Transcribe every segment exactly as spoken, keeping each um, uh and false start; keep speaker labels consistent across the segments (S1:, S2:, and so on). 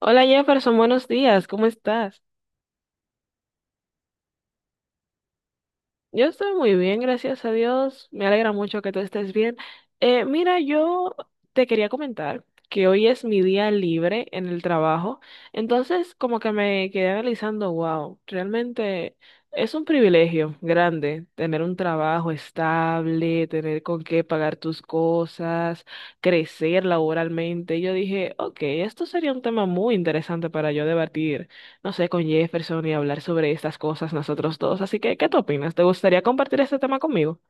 S1: Hola Jefferson, buenos días, ¿cómo estás? Yo estoy muy bien, gracias a Dios. Me alegra mucho que tú estés bien. Eh, mira, yo te quería comentar que hoy es mi día libre en el trabajo, entonces como que me quedé analizando, wow, realmente es un privilegio grande tener un trabajo estable, tener con qué pagar tus cosas, crecer laboralmente. Yo dije, ok, esto sería un tema muy interesante para yo debatir no sé, con Jefferson y hablar sobre estas cosas nosotros dos. Así que, ¿qué tú opinas? ¿Te gustaría compartir este tema conmigo?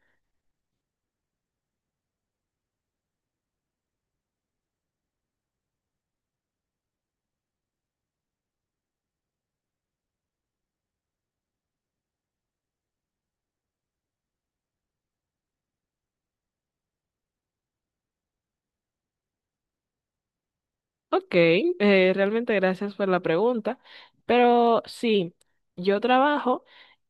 S1: Ok, eh, realmente gracias por la pregunta, pero sí, yo trabajo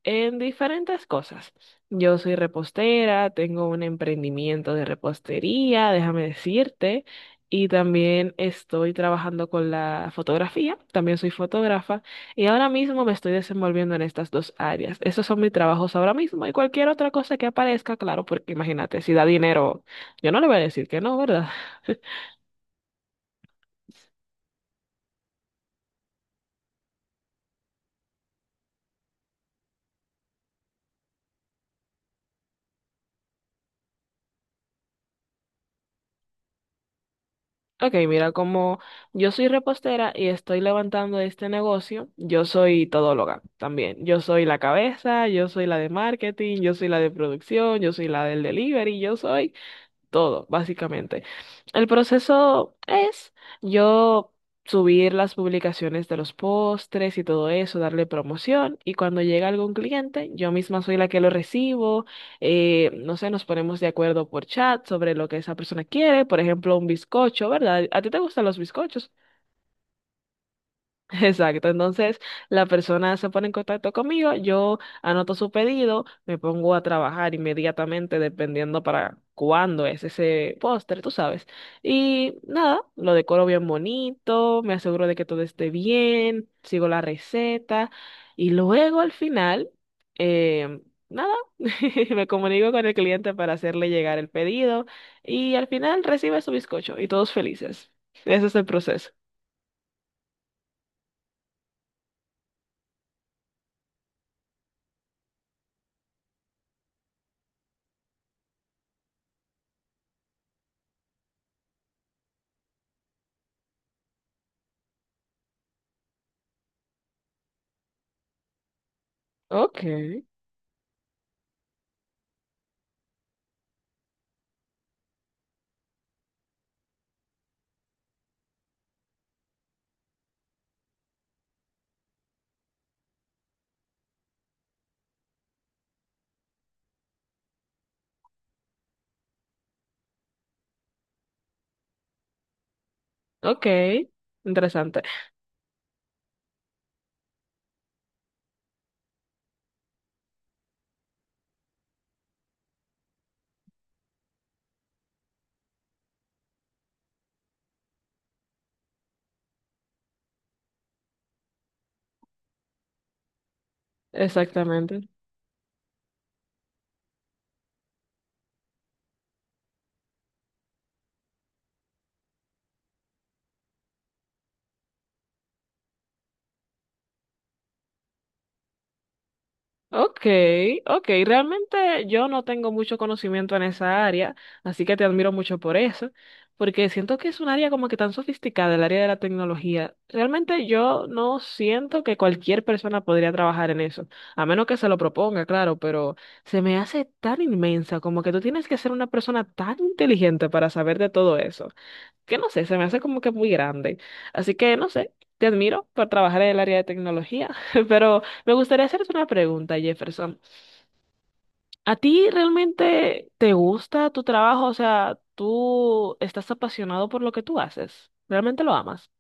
S1: en diferentes cosas. Yo soy repostera, tengo un emprendimiento de repostería, déjame decirte, y también estoy trabajando con la fotografía, también soy fotógrafa, y ahora mismo me estoy desenvolviendo en estas dos áreas. Esos son mis trabajos ahora mismo y cualquier otra cosa que aparezca, claro, porque imagínate, si da dinero, yo no le voy a decir que no, ¿verdad? Ok, mira, como yo soy repostera y estoy levantando este negocio, yo soy todóloga también. Yo soy la cabeza, yo soy la de marketing, yo soy la de producción, yo soy la del delivery, yo soy todo, básicamente. El proceso es yo subir las publicaciones de los postres y todo eso, darle promoción y cuando llega algún cliente, yo misma soy la que lo recibo, eh, no sé, nos ponemos de acuerdo por chat sobre lo que esa persona quiere, por ejemplo, un bizcocho, ¿verdad? ¿A ti te gustan los bizcochos? Exacto, entonces la persona se pone en contacto conmigo, yo anoto su pedido, me pongo a trabajar inmediatamente dependiendo para cuándo es ese póster, tú sabes. Y nada, lo decoro bien bonito, me aseguro de que todo esté bien, sigo la receta y luego al final, eh, nada, me comunico con el cliente para hacerle llegar el pedido y al final recibe su bizcocho y todos felices. Ese es el proceso. Ok. Ok, interesante. Exactamente. Ok, ok. Realmente yo no tengo mucho conocimiento en esa área, así que te admiro mucho por eso, porque siento que es un área como que tan sofisticada, el área de la tecnología. Realmente yo no siento que cualquier persona podría trabajar en eso, a menos que se lo proponga, claro, pero se me hace tan inmensa, como que tú tienes que ser una persona tan inteligente para saber de todo eso, que no sé, se me hace como que muy grande. Así que no sé, te admiro por trabajar en el área de tecnología, pero me gustaría hacerte una pregunta, Jefferson. ¿A ti realmente te gusta tu trabajo? O sea, ¿tú estás apasionado por lo que tú haces? ¿Realmente lo amas?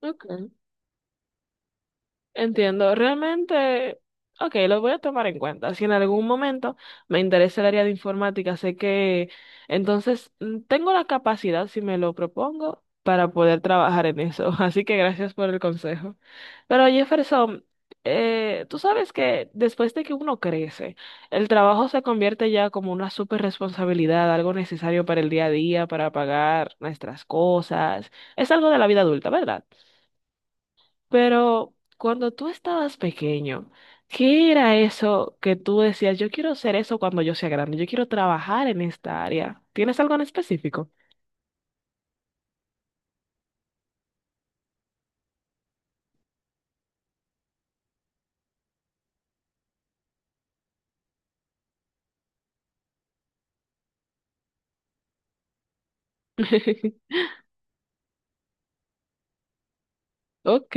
S1: Ok. Entiendo, realmente, ok, lo voy a tomar en cuenta. Si en algún momento me interesa el área de informática, sé que entonces mm, tengo la capacidad, si me lo propongo, para poder trabajar en eso. Así que gracias por el consejo. Pero Jefferson, eh, tú sabes que después de que uno crece, el trabajo se convierte ya como una super responsabilidad, algo necesario para el día a día, para pagar nuestras cosas. Es algo de la vida adulta, ¿verdad? Pero cuando tú estabas pequeño, ¿qué era eso que tú decías, yo quiero ser eso cuando yo sea grande, yo quiero trabajar en esta área? ¿Tienes algo en específico? Ok,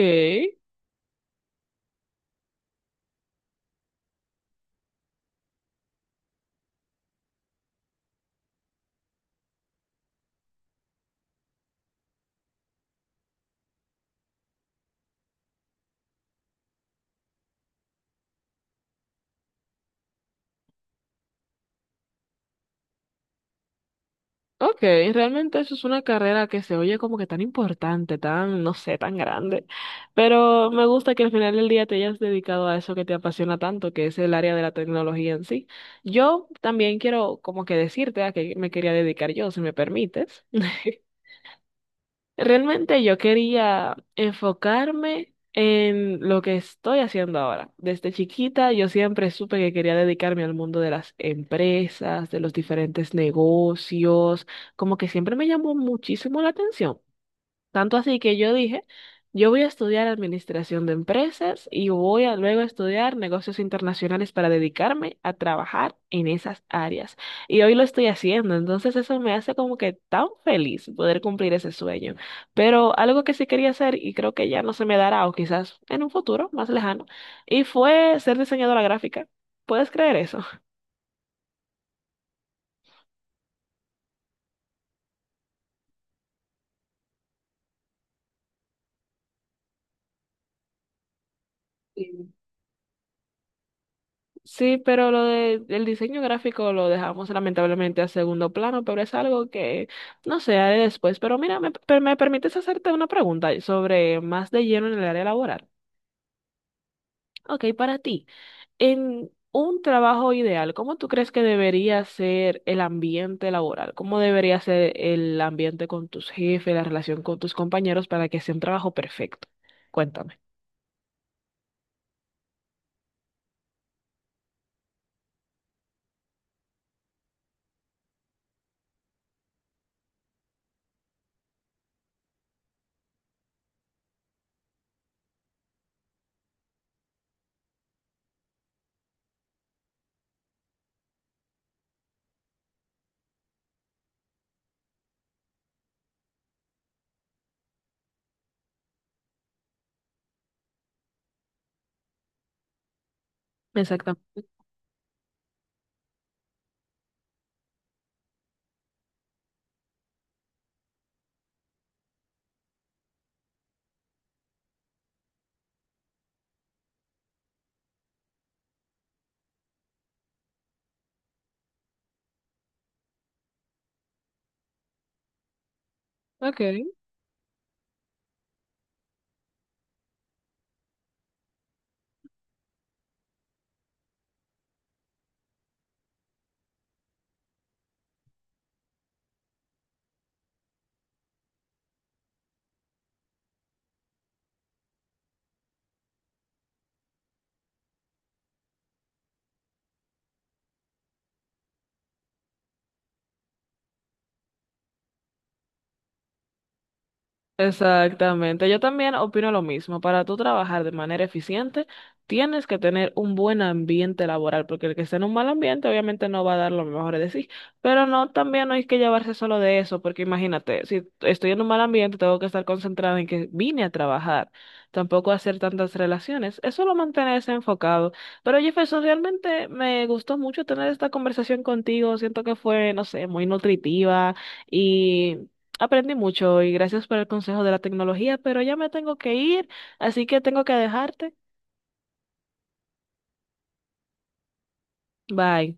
S1: ok, realmente eso es una carrera que se oye como que tan importante, tan, no sé, tan grande, pero me gusta que al final del día te hayas dedicado a eso que te apasiona tanto, que es el área de la tecnología en sí. Yo también quiero como que decirte a qué me quería dedicar yo, si me permites. Realmente yo quería enfocarme en lo que estoy haciendo ahora. Desde chiquita yo siempre supe que quería dedicarme al mundo de las empresas, de los diferentes negocios, como que siempre me llamó muchísimo la atención. Tanto así que yo dije, yo voy a estudiar administración de empresas y voy a luego estudiar negocios internacionales para dedicarme a trabajar en esas áreas. Y hoy lo estoy haciendo, entonces eso me hace como que tan feliz poder cumplir ese sueño. Pero algo que sí quería hacer y creo que ya no se me dará o quizás en un futuro más lejano, y fue ser diseñadora gráfica. ¿Puedes creer eso? Sí. Sí, pero lo de, el diseño gráfico lo dejamos lamentablemente a segundo plano, pero es algo que no sé, haré después. Pero mira, me, per- me permites hacerte una pregunta sobre más de lleno en el área laboral. Ok, para ti, en un trabajo ideal, ¿cómo tú crees que debería ser el ambiente laboral? ¿Cómo debería ser el ambiente con tus jefes, la relación con tus compañeros para que sea un trabajo perfecto? Cuéntame. Exactamente. Ok. Exactamente. Yo también opino lo mismo. Para tú trabajar de manera eficiente, tienes que tener un buen ambiente laboral, porque el que está en un mal ambiente obviamente no va a dar lo mejor de sí. Pero no, también no hay que llevarse solo de eso, porque imagínate, si estoy en un mal ambiente, tengo que estar concentrada en que vine a trabajar, tampoco hacer tantas relaciones. Es solo mantenerse enfocado. Pero Jefferson, realmente me gustó mucho tener esta conversación contigo. Siento que fue, no sé, muy nutritiva. Y aprendí mucho y gracias por el consejo de la tecnología, pero ya me tengo que ir, así que tengo que dejarte. Bye.